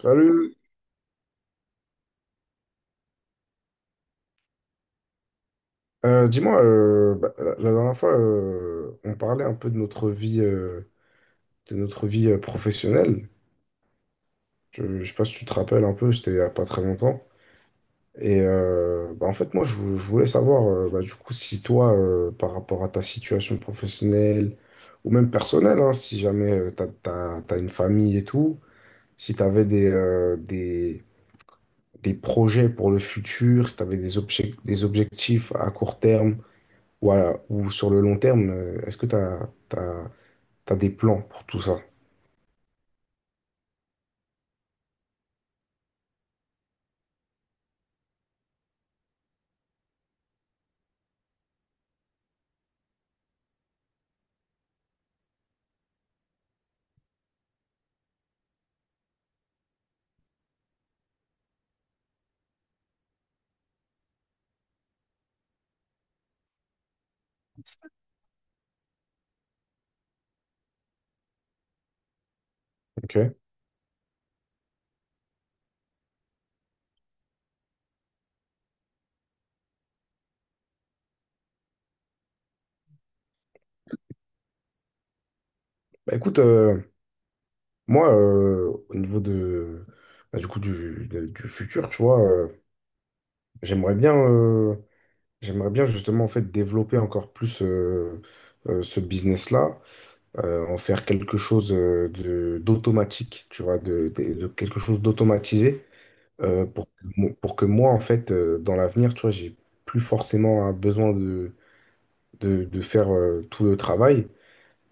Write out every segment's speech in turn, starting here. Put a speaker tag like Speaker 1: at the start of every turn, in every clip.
Speaker 1: Salut. Dis-moi, la dernière fois, on parlait un peu de notre vie, professionnelle. Je sais pas si tu te rappelles un peu, c'était il y a pas très longtemps. Et en fait, je voulais savoir, du coup, si toi, par rapport à ta situation professionnelle ou même personnelle, hein, si jamais tu as, une famille et tout, si tu avais des projets pour le futur, si tu avais des objectifs à court terme. Voilà. Ou sur le long terme, est-ce que tu as, des plans pour tout ça? Ok. Bah, écoute, moi, au niveau de, bah, du coup, du futur, tu vois, j'aimerais bien, euh, j'aimerais bien justement en fait développer encore plus ce business-là, en faire quelque chose d'automatique, tu vois, de quelque chose d'automatisé pour que moi, en fait, dans l'avenir, tu vois, j'ai plus forcément un besoin de faire tout le travail,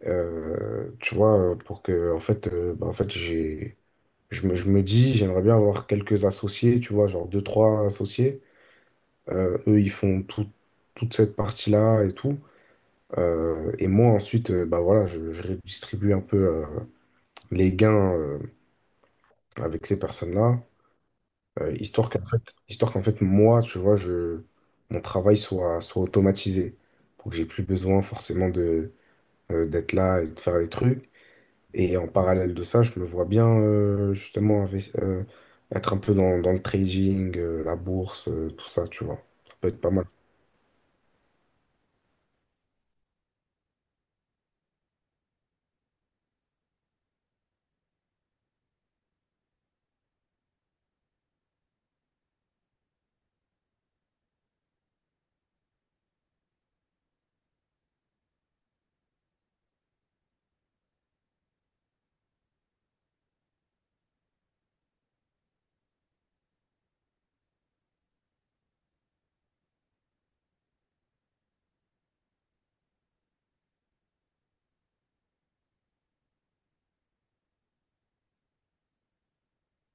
Speaker 1: tu vois, pour que, en fait, je me dis, j'aimerais bien avoir quelques associés, tu vois, genre deux, trois associés. Eux, ils font tout, toute cette partie-là et tout. Et moi, ensuite, bah, voilà, je redistribue un peu les gains avec ces personnes-là, histoire qu'en fait, moi, tu vois, je, mon travail soit automatisé, pour que j'ai plus besoin forcément de, d'être là et de faire les trucs. Et en parallèle de ça, je me vois bien être un peu dans, dans le trading, la bourse, tout ça, tu vois. Ça peut être pas mal.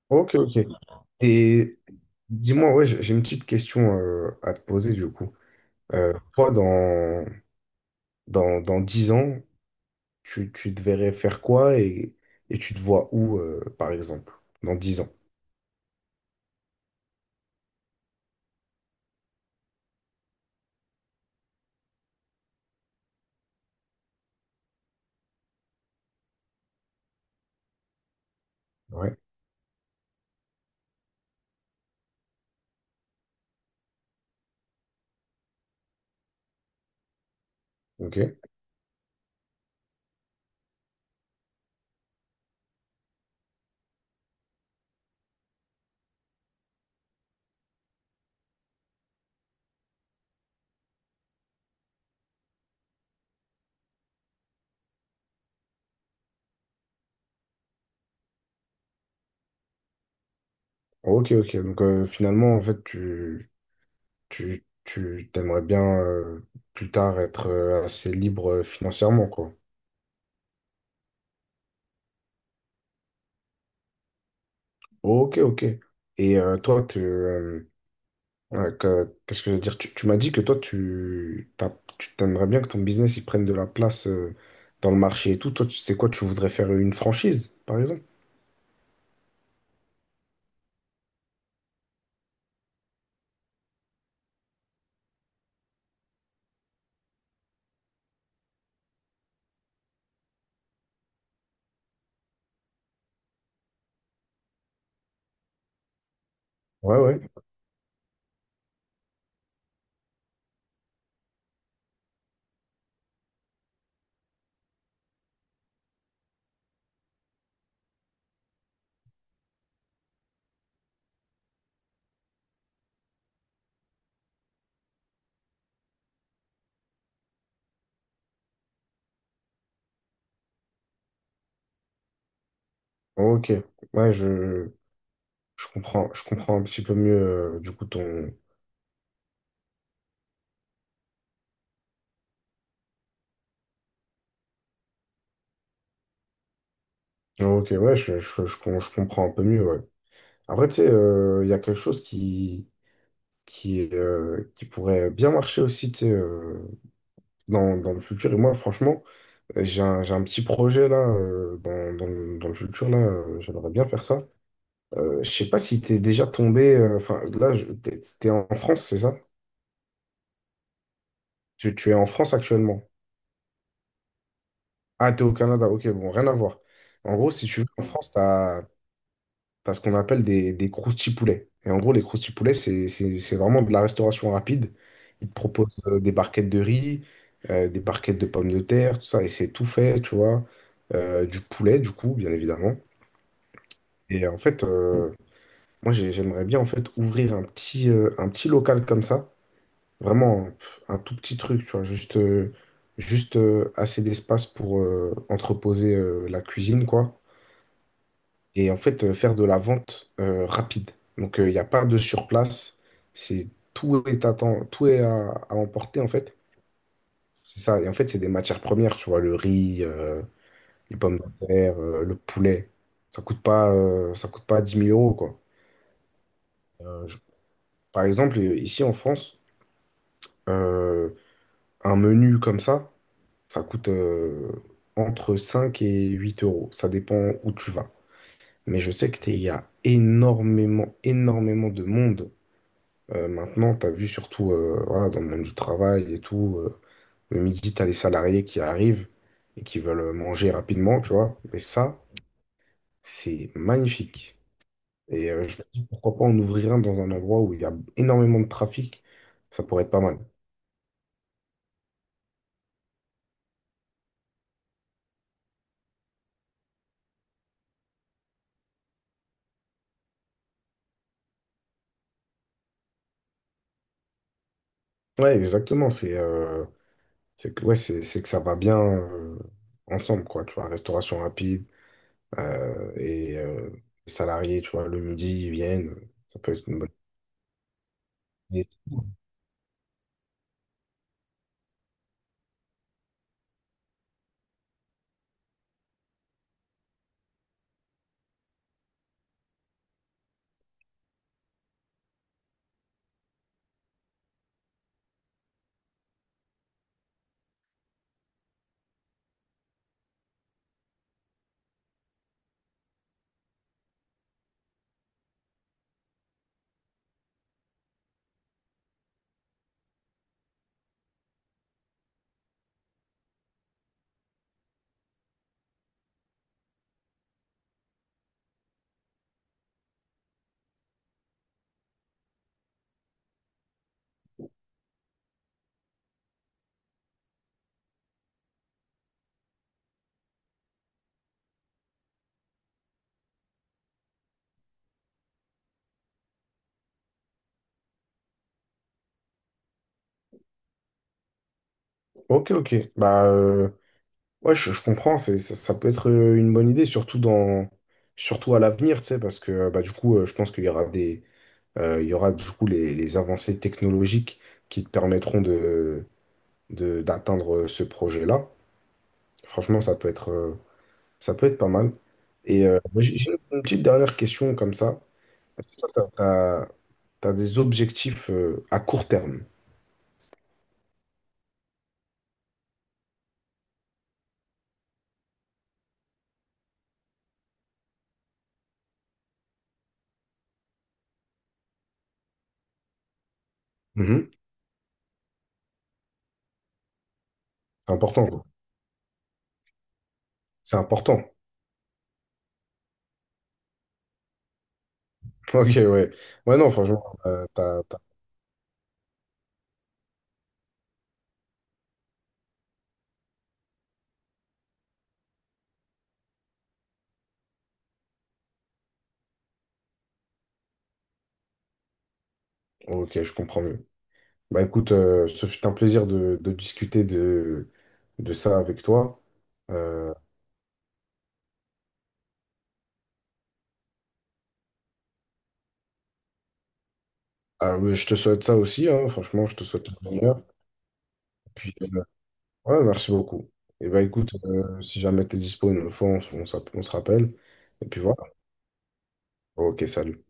Speaker 1: Ok, ok. Et dis-moi, ouais, j'ai une petite question à te poser du coup. Toi, dans 10 ans, tu te verrais faire quoi et tu te vois où, par exemple, dans 10 ans? Ouais. Ok. Ok, ok. Donc finalement, en fait, tu t'aimerais bien plus tard être assez libre financièrement, quoi. Ok, ok. Et toi, ouais, qu'est-ce que je veux dire? Tu m'as dit que toi, tu t'aimerais bien que ton business il prenne de la place dans le marché et tout. Toi, tu sais quoi, tu voudrais faire une franchise, par exemple? Ouais, ouais. Ok. Ouais, je comprends un petit peu mieux, du coup, ton... Ok, ouais, je comprends un peu mieux, ouais. Après, tu sais, il y a quelque chose qui pourrait bien marcher aussi, tu sais, dans, dans le futur. Et moi, franchement, j'ai un petit projet là, dans le futur, là, j'aimerais bien faire ça. Je sais pas si t'es déjà tombé, enfin, là, t'es en France, c'est ça? Tu es en France actuellement. Ah, t'es au Canada, ok, bon, rien à voir. En gros, si tu veux, en France, t'as parce qu'on appelle des croustipoulets. Et en gros, les croustipoulets, c'est vraiment de la restauration rapide. Ils te proposent des barquettes de riz, des barquettes de pommes de terre, tout ça, et c'est tout fait, tu vois. Du poulet, du coup, bien évidemment. Et en fait, moi, j'aimerais bien en fait ouvrir un un petit local comme ça, vraiment pff, un tout petit truc, tu vois, juste assez d'espace pour entreposer la cuisine, quoi, et en fait faire de la vente rapide. Donc il n'y a pas de surplace, c'est tout est à temps- tout est à emporter en fait. C'est ça. Et en fait, c'est des matières premières, tu vois, le riz, les pommes de terre, le poulet. Ça coûte pas dix mille euros, quoi. Euh, je- Par exemple, ici en France, euh, un menu comme ça coûte entre 5 et 8 euros. Ça dépend où tu vas. Mais je sais qu'il y a énormément, énormément de monde. Maintenant, tu as vu surtout voilà, dans le monde du travail et tout, le midi, tu as les salariés qui arrivent et qui veulent manger rapidement, tu vois. Mais ça, c'est magnifique. Et je me dis, pourquoi pas en ouvrir un dans un endroit où il y a énormément de trafic, ça pourrait être pas mal. Ouais, exactement. C'est que, ouais, c'est que ça va bien ensemble, quoi. Tu vois, restauration rapide et les salariés, tu vois, le midi, ils viennent. Ça peut être une bonne idée. Ok, ok. Ouais, je comprends, c'est, ça peut être une bonne idée, surtout dans, surtout à l'avenir, tu sais, parce que bah, du coup, je pense qu'il y aura des, il y aura du coup les avancées technologiques qui te permettront d'atteindre ce projet-là. Franchement, ça peut être pas mal. Et moi, j'ai une petite dernière question comme ça. Est-ce que toi, as des objectifs à court terme? Mhm. C'est important, quoi. C'est important. Ok, ouais. Ouais, non, franchement, t'as- ok, je comprends mieux. Bah écoute, ce fut un plaisir de discuter de ça avec toi. Euh, ah, mais je te souhaite ça aussi, hein, franchement, je te souhaite le meilleur. Puis, euh, ouais, merci beaucoup. Et bah écoute, si jamais t'es dispo une autre fois, on, s- on s'app- on se rappelle. Et puis voilà. Ok, salut.